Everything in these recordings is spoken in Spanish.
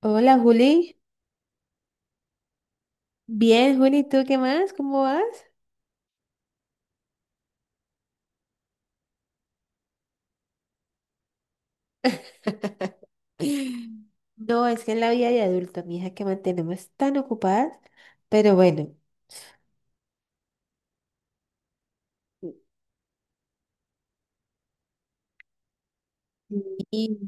Hola Juli, bien Juli, ¿tú qué más? ¿Cómo vas? No, es que en la vida de adulto, mija, que mantenemos tan ocupadas, pero bueno, y,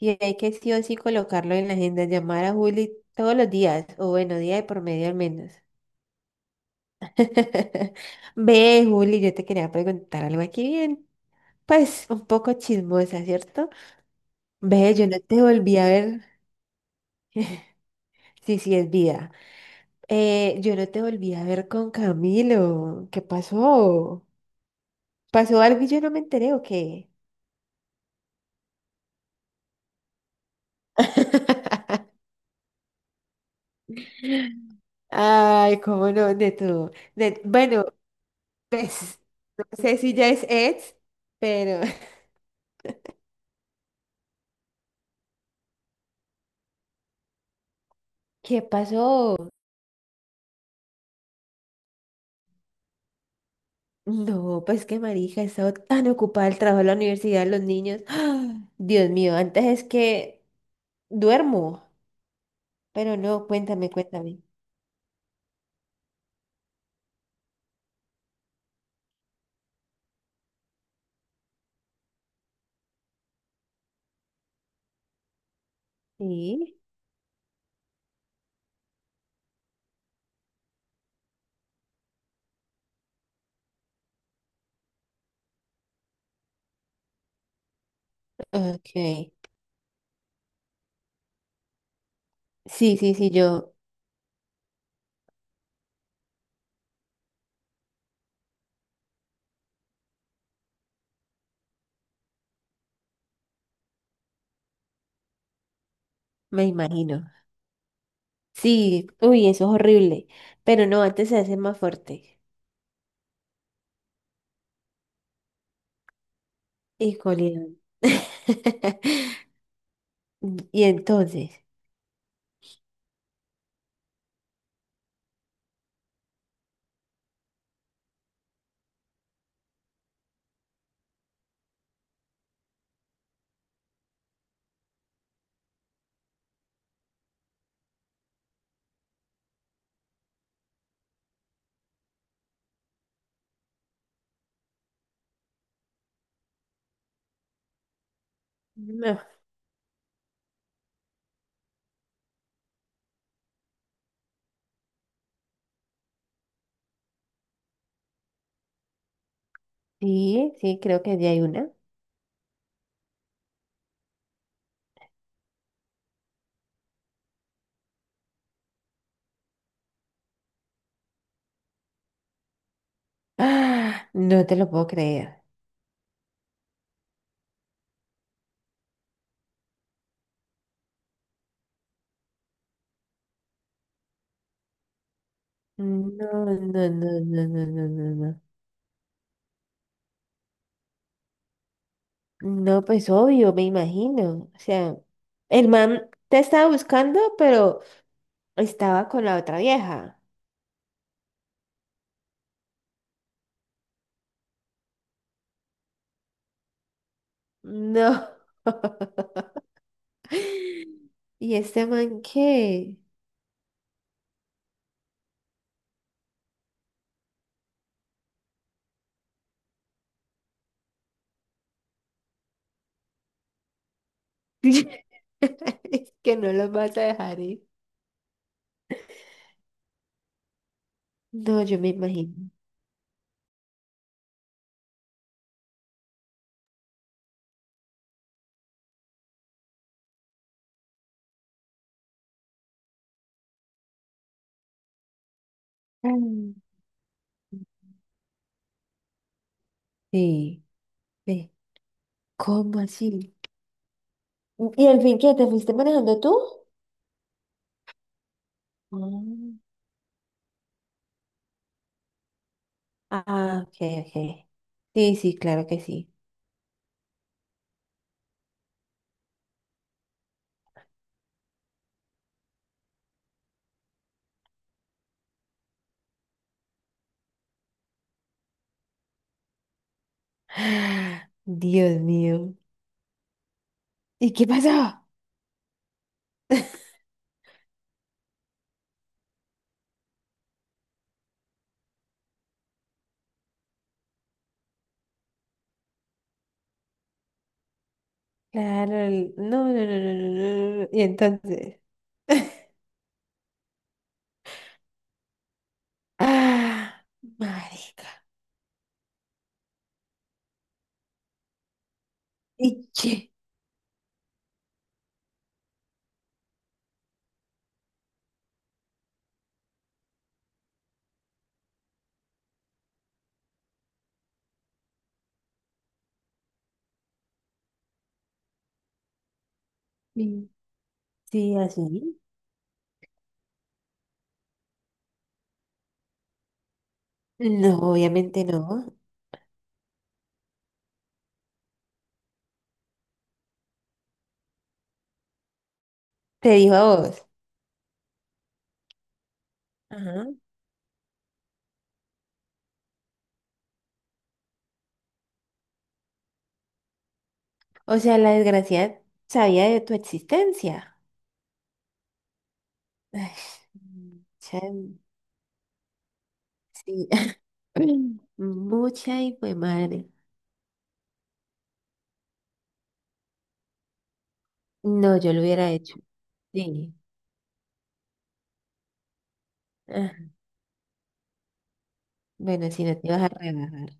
y hay que sí o sí colocarlo en la agenda, llamar a Juli todos los días, o bueno, día de por medio al menos. Ve, Juli, yo te quería preguntar algo aquí bien, pues un poco chismosa, ¿cierto? Ve, yo no te volví a ver, sí, sí es vida. Yo no te volví a ver con Camilo. ¿Qué pasó? ¿Pasó algo y yo no me enteré o qué? Ay, cómo no, Neto. Bueno, pues no sé si ya es ex, pero ¿qué pasó? No, pues que marica, he estado tan ocupada el trabajo, la universidad, los niños. Dios mío, antes es que duermo, pero no, cuéntame, cuéntame. Sí, ok. Sí, sí, sí, yo me imagino. Sí, uy, eso es horrible. Pero no, antes se hace más fuerte. Y Julián. Y entonces, no. Sí, sí, creo que allí hay una. ¡Ah! No te lo puedo creer. No, no, no, no, no, no, no, no. No, pues obvio, me imagino. O sea, el man te estaba buscando, pero estaba con la otra vieja. No. ¿Y este man qué? Es que no lo vas a dejar ir. No, yo me imagino. Mm. Sí, ve. ¿Cómo así? ¿Y al fin qué? ¿Te fuiste manejando tú? Mm. Ah, ok, ok. Sí, sí, claro que sí. Ah, Dios mío. ¿Y qué pasó? Claro, el- no, no, no, no, no, no, no. Y entonces, ah, marica. ¿Y qué? Sí, sí, así. No, obviamente no. Te dijo a vos. Ajá. O sea, la desgracia sabía de tu existencia. Ay, mucha, sí. Mucha y fue madre. No, yo lo hubiera hecho. Sí. Ah, bueno, si no te ibas a rebajar.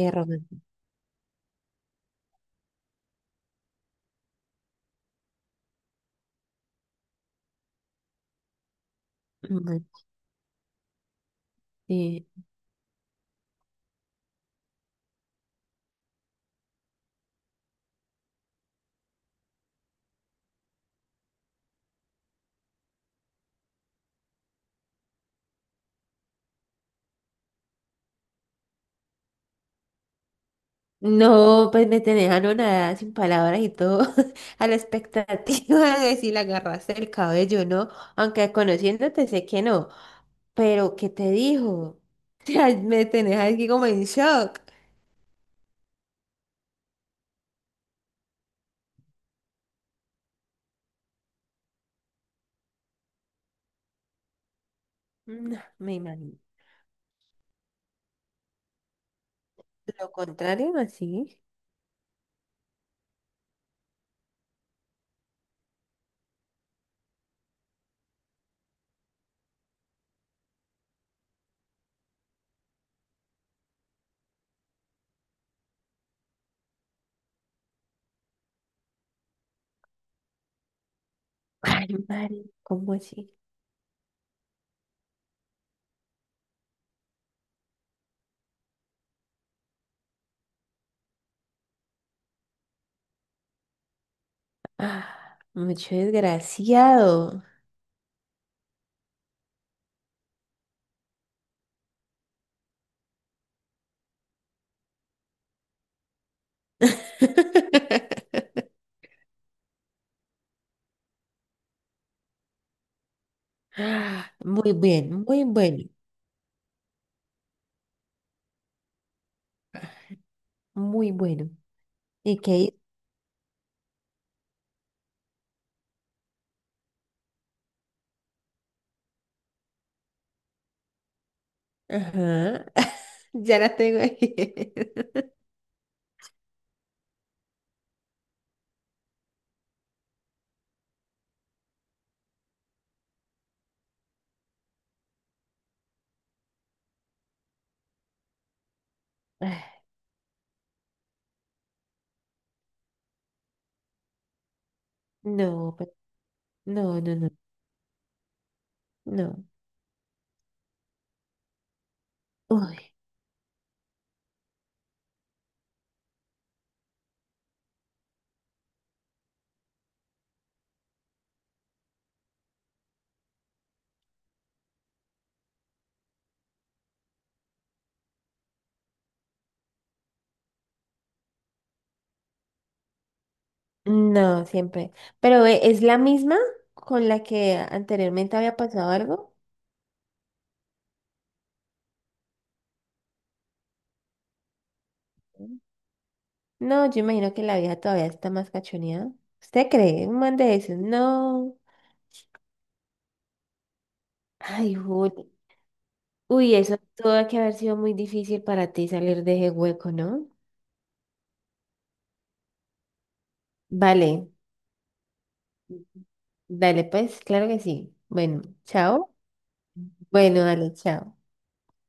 Romántico. Ujú, sí. No, pues me tenés anonadada sin palabras y todo, a la expectativa de si le agarraste el cabello, ¿no? Aunque conociéndote sé que no, pero ¿qué te dijo? O sea, me tenés aquí como en shock. No, me imagino. Lo contrario, así. Ay, madre, ¿cómo así? Ah, mucho desgraciado. Ah, muy bien, muy bueno, muy bueno. ¿Y qué? Ajá. Ya la tengo ahí. Ah, no, pe- no, no, no, no. Uy, no, siempre. Pero ¿es la misma con la que anteriormente había pasado algo? No, yo imagino que la vieja todavía está más cachoneada. ¿Usted cree? Un man de esos. No. Ay, Juli. Uy, eso tuvo que haber sido muy difícil para ti salir de ese hueco, ¿no? Vale. Dale, pues, claro que sí. Bueno, chao. Bueno, dale, chao.